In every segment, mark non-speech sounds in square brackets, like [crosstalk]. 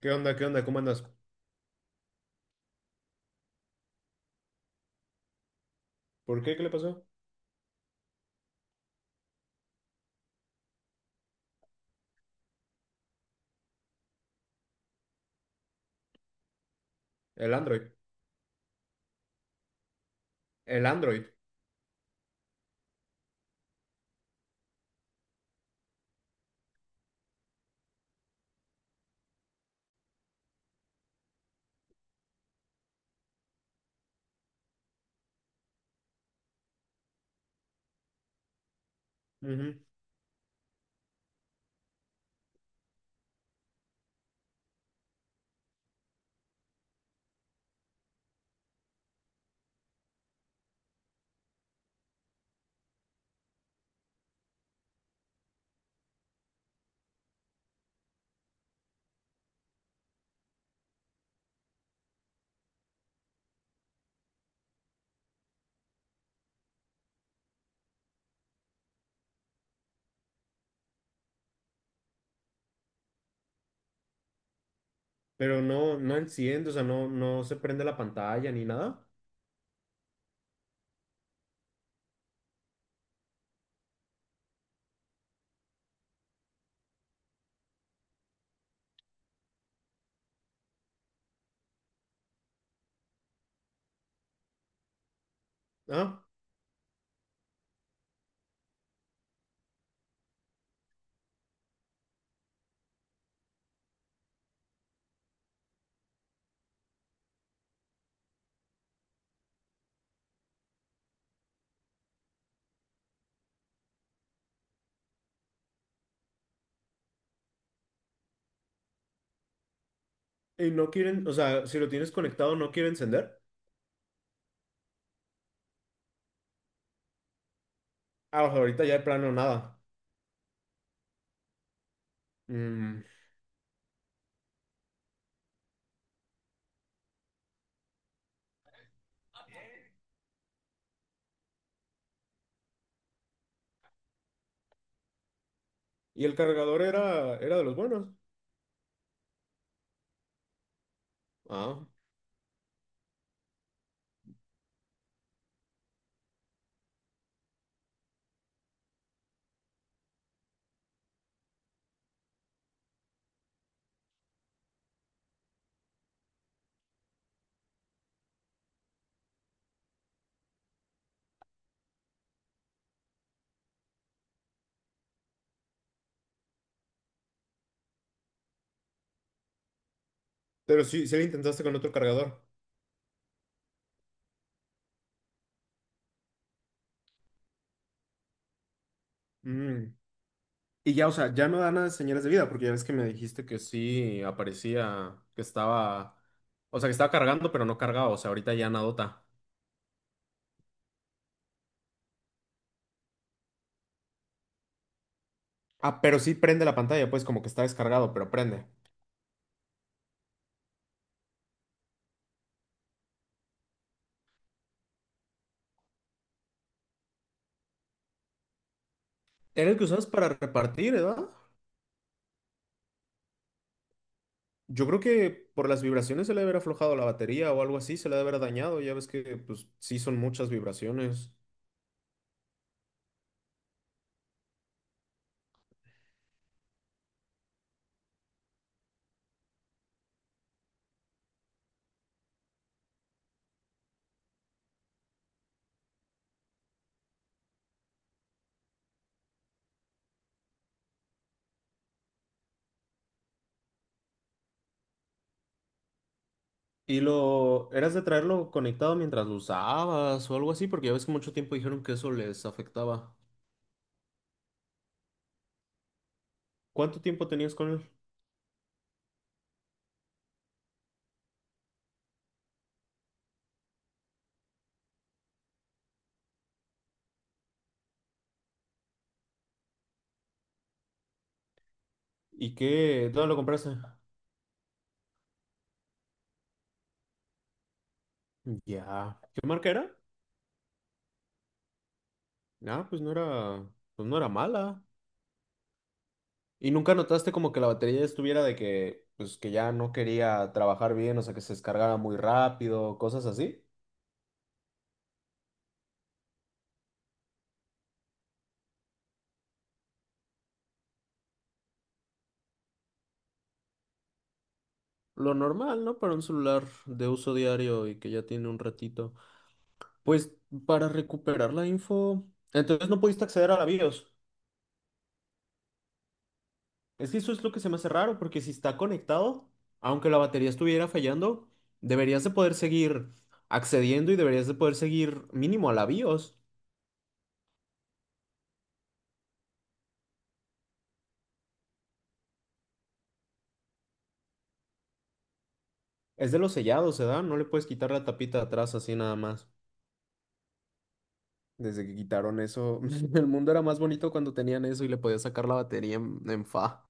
¿Qué onda? ¿Qué onda? ¿Cómo andas? ¿Por qué? ¿Qué le pasó? El Android. El Android. Ujú. Pero no, enciende, o sea, no se prende la pantalla ni nada. Ah, y no quieren, o sea, si lo tienes conectado, no quiere encender. Ah, o sea, ahorita ya de plano nada. Mm, y el cargador era, era de los buenos. Ah, pero sí, sí lo intentaste con otro cargador. Mm. Y ya, o sea, ya no da nada de señales de vida, porque ya ves que me dijiste que sí aparecía, que estaba, o sea, que estaba cargando, pero no cargado, o sea, ahorita ya nada. Ah, pero sí prende la pantalla, pues como que está descargado, pero prende. Era el que usabas para repartir, ¿verdad? Yo creo que por las vibraciones se le debe haber aflojado la batería o algo así, se le debe haber dañado. Ya ves que, pues, sí son muchas vibraciones. Y lo eras de traerlo conectado mientras lo usabas o algo así, porque ya ves que mucho tiempo dijeron que eso les afectaba. ¿Cuánto tiempo tenías con él? ¿Y qué? ¿Dónde lo compraste? Ya. ¿Qué marca era? Ah, pues no era mala. ¿Y nunca notaste como que la batería estuviera de que, pues que ya no quería trabajar bien, o sea, que se descargara muy rápido, cosas así? Lo normal, ¿no? Para un celular de uso diario y que ya tiene un ratito. Pues para recuperar la info, entonces no pudiste acceder a la BIOS. Es que eso es lo que se me hace raro, porque si está conectado, aunque la batería estuviera fallando, deberías de poder seguir accediendo y deberías de poder seguir mínimo a la BIOS. Es de los sellados, ¿se da? No le puedes quitar la tapita de atrás así nada más. Desde que quitaron eso, [laughs] el mundo era más bonito cuando tenían eso y le podías sacar la batería en fa.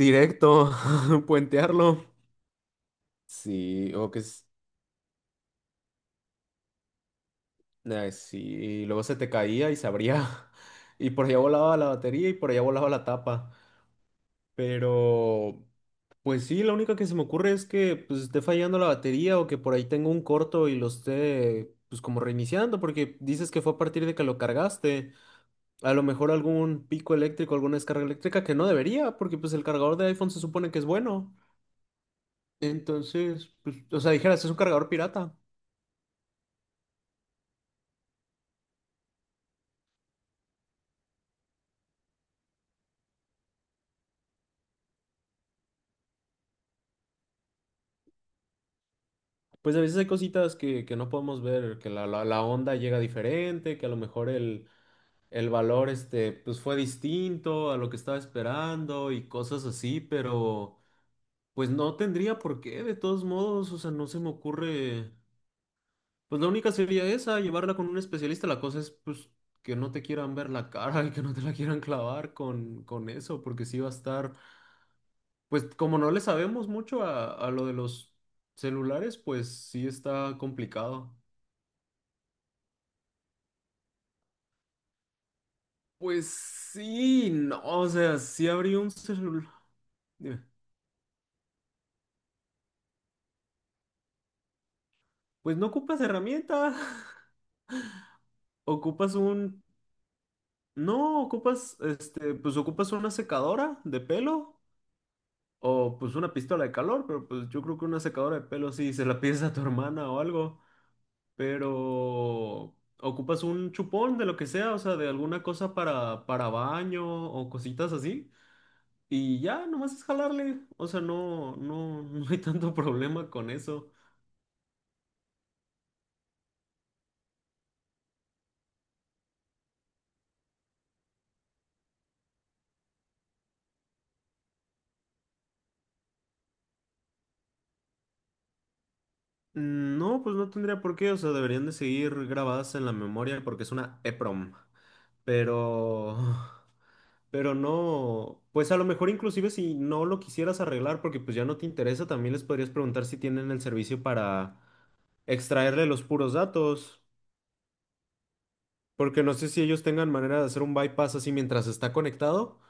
Directo, [laughs] puentearlo. Sí, o que es- ay, sí, y luego se te caía y se abría. [laughs] Y por allá volaba la batería y por allá volaba la tapa. Pero, pues sí, la única que se me ocurre es que pues, esté fallando la batería o que por ahí tengo un corto y lo esté, pues como reiniciando, porque dices que fue a partir de que lo cargaste. A lo mejor algún pico eléctrico, alguna descarga eléctrica que no debería, porque pues el cargador de iPhone se supone que es bueno. Entonces, pues, o sea, dijeras, es un cargador pirata. Pues a veces hay cositas que no podemos ver, que la onda llega diferente, que a lo mejor el valor este, pues fue distinto a lo que estaba esperando y cosas así, pero pues no tendría por qué, de todos modos, o sea, no se me ocurre. Pues la única sería esa, llevarla con un especialista. La cosa es, pues, que no te quieran ver la cara y que no te la quieran clavar con eso, porque sí va a estar, pues, como no le sabemos mucho a lo de los celulares, pues sí está complicado. Pues sí, no, o sea, sí abrí un celular. Pues no ocupas herramienta, [laughs] ocupas un... No, ocupas, este, pues ocupas una secadora de pelo. O pues una pistola de calor, pero pues yo creo que una secadora de pelo sí, se la pides a tu hermana o algo. Pero ocupas un chupón de lo que sea, o sea, de alguna cosa para baño o cositas así. Y ya, nomás es jalarle. O sea, [laughs] no hay tanto problema con eso. Mm, no, pues no tendría por qué, o sea, deberían de seguir grabadas en la memoria porque es una EPROM. Pero, [laughs] pero no, pues a lo mejor inclusive si no lo quisieras arreglar porque pues ya no te interesa, también les podrías preguntar si tienen el servicio para extraerle los puros datos, porque no sé si ellos tengan manera de hacer un bypass así mientras está conectado,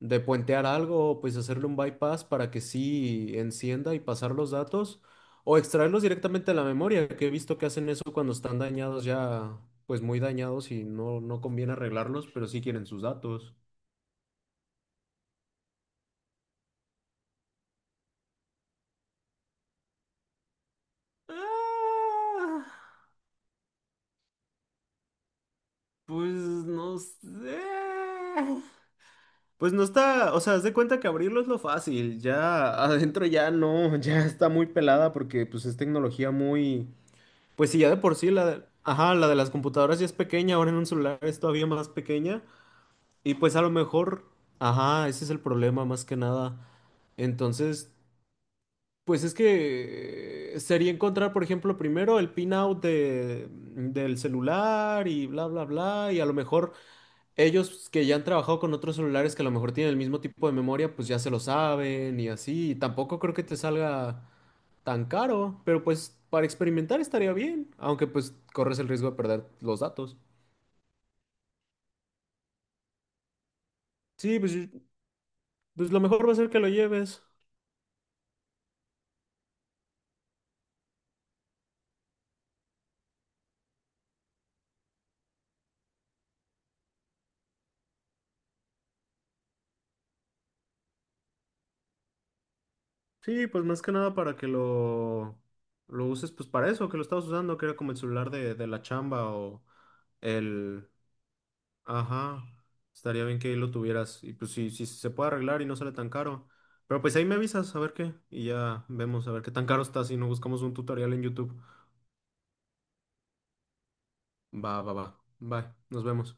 de puentear algo, pues hacerle un bypass para que sí encienda y pasar los datos, o extraerlos directamente de la memoria, que he visto que hacen eso cuando están dañados ya, pues muy dañados y no conviene arreglarlos, pero sí quieren sus datos. Ah, pues no sé. Pues no está, o sea, haz de cuenta que abrirlo es lo fácil, ya adentro ya no, [laughs] ya está muy pelada porque pues es tecnología muy... Pues sí, ya de por sí la de, ajá, la de las computadoras ya es pequeña, ahora en un celular es todavía más pequeña y pues a lo mejor, ajá, ese es el problema más que nada. Entonces, pues es que sería encontrar, por ejemplo, primero el pin out del celular y bla, bla, bla, y a lo mejor ellos que ya han trabajado con otros celulares que a lo mejor tienen el mismo tipo de memoria, pues ya se lo saben y así, y tampoco creo que te salga tan caro, pero pues para experimentar estaría bien, aunque pues corres el riesgo de perder los datos. Sí, pues, yo- pues lo mejor va a ser que lo lleves. Sí, pues más que nada para que lo uses pues para eso, que lo estabas usando, que era como el celular de la chamba o el... Ajá, estaría bien que ahí lo tuvieras y pues si si se puede arreglar y no sale tan caro. Pero pues ahí me avisas a ver qué y ya vemos a ver qué tan caro está si no buscamos un tutorial en YouTube. Va, va, va. Bye, nos vemos.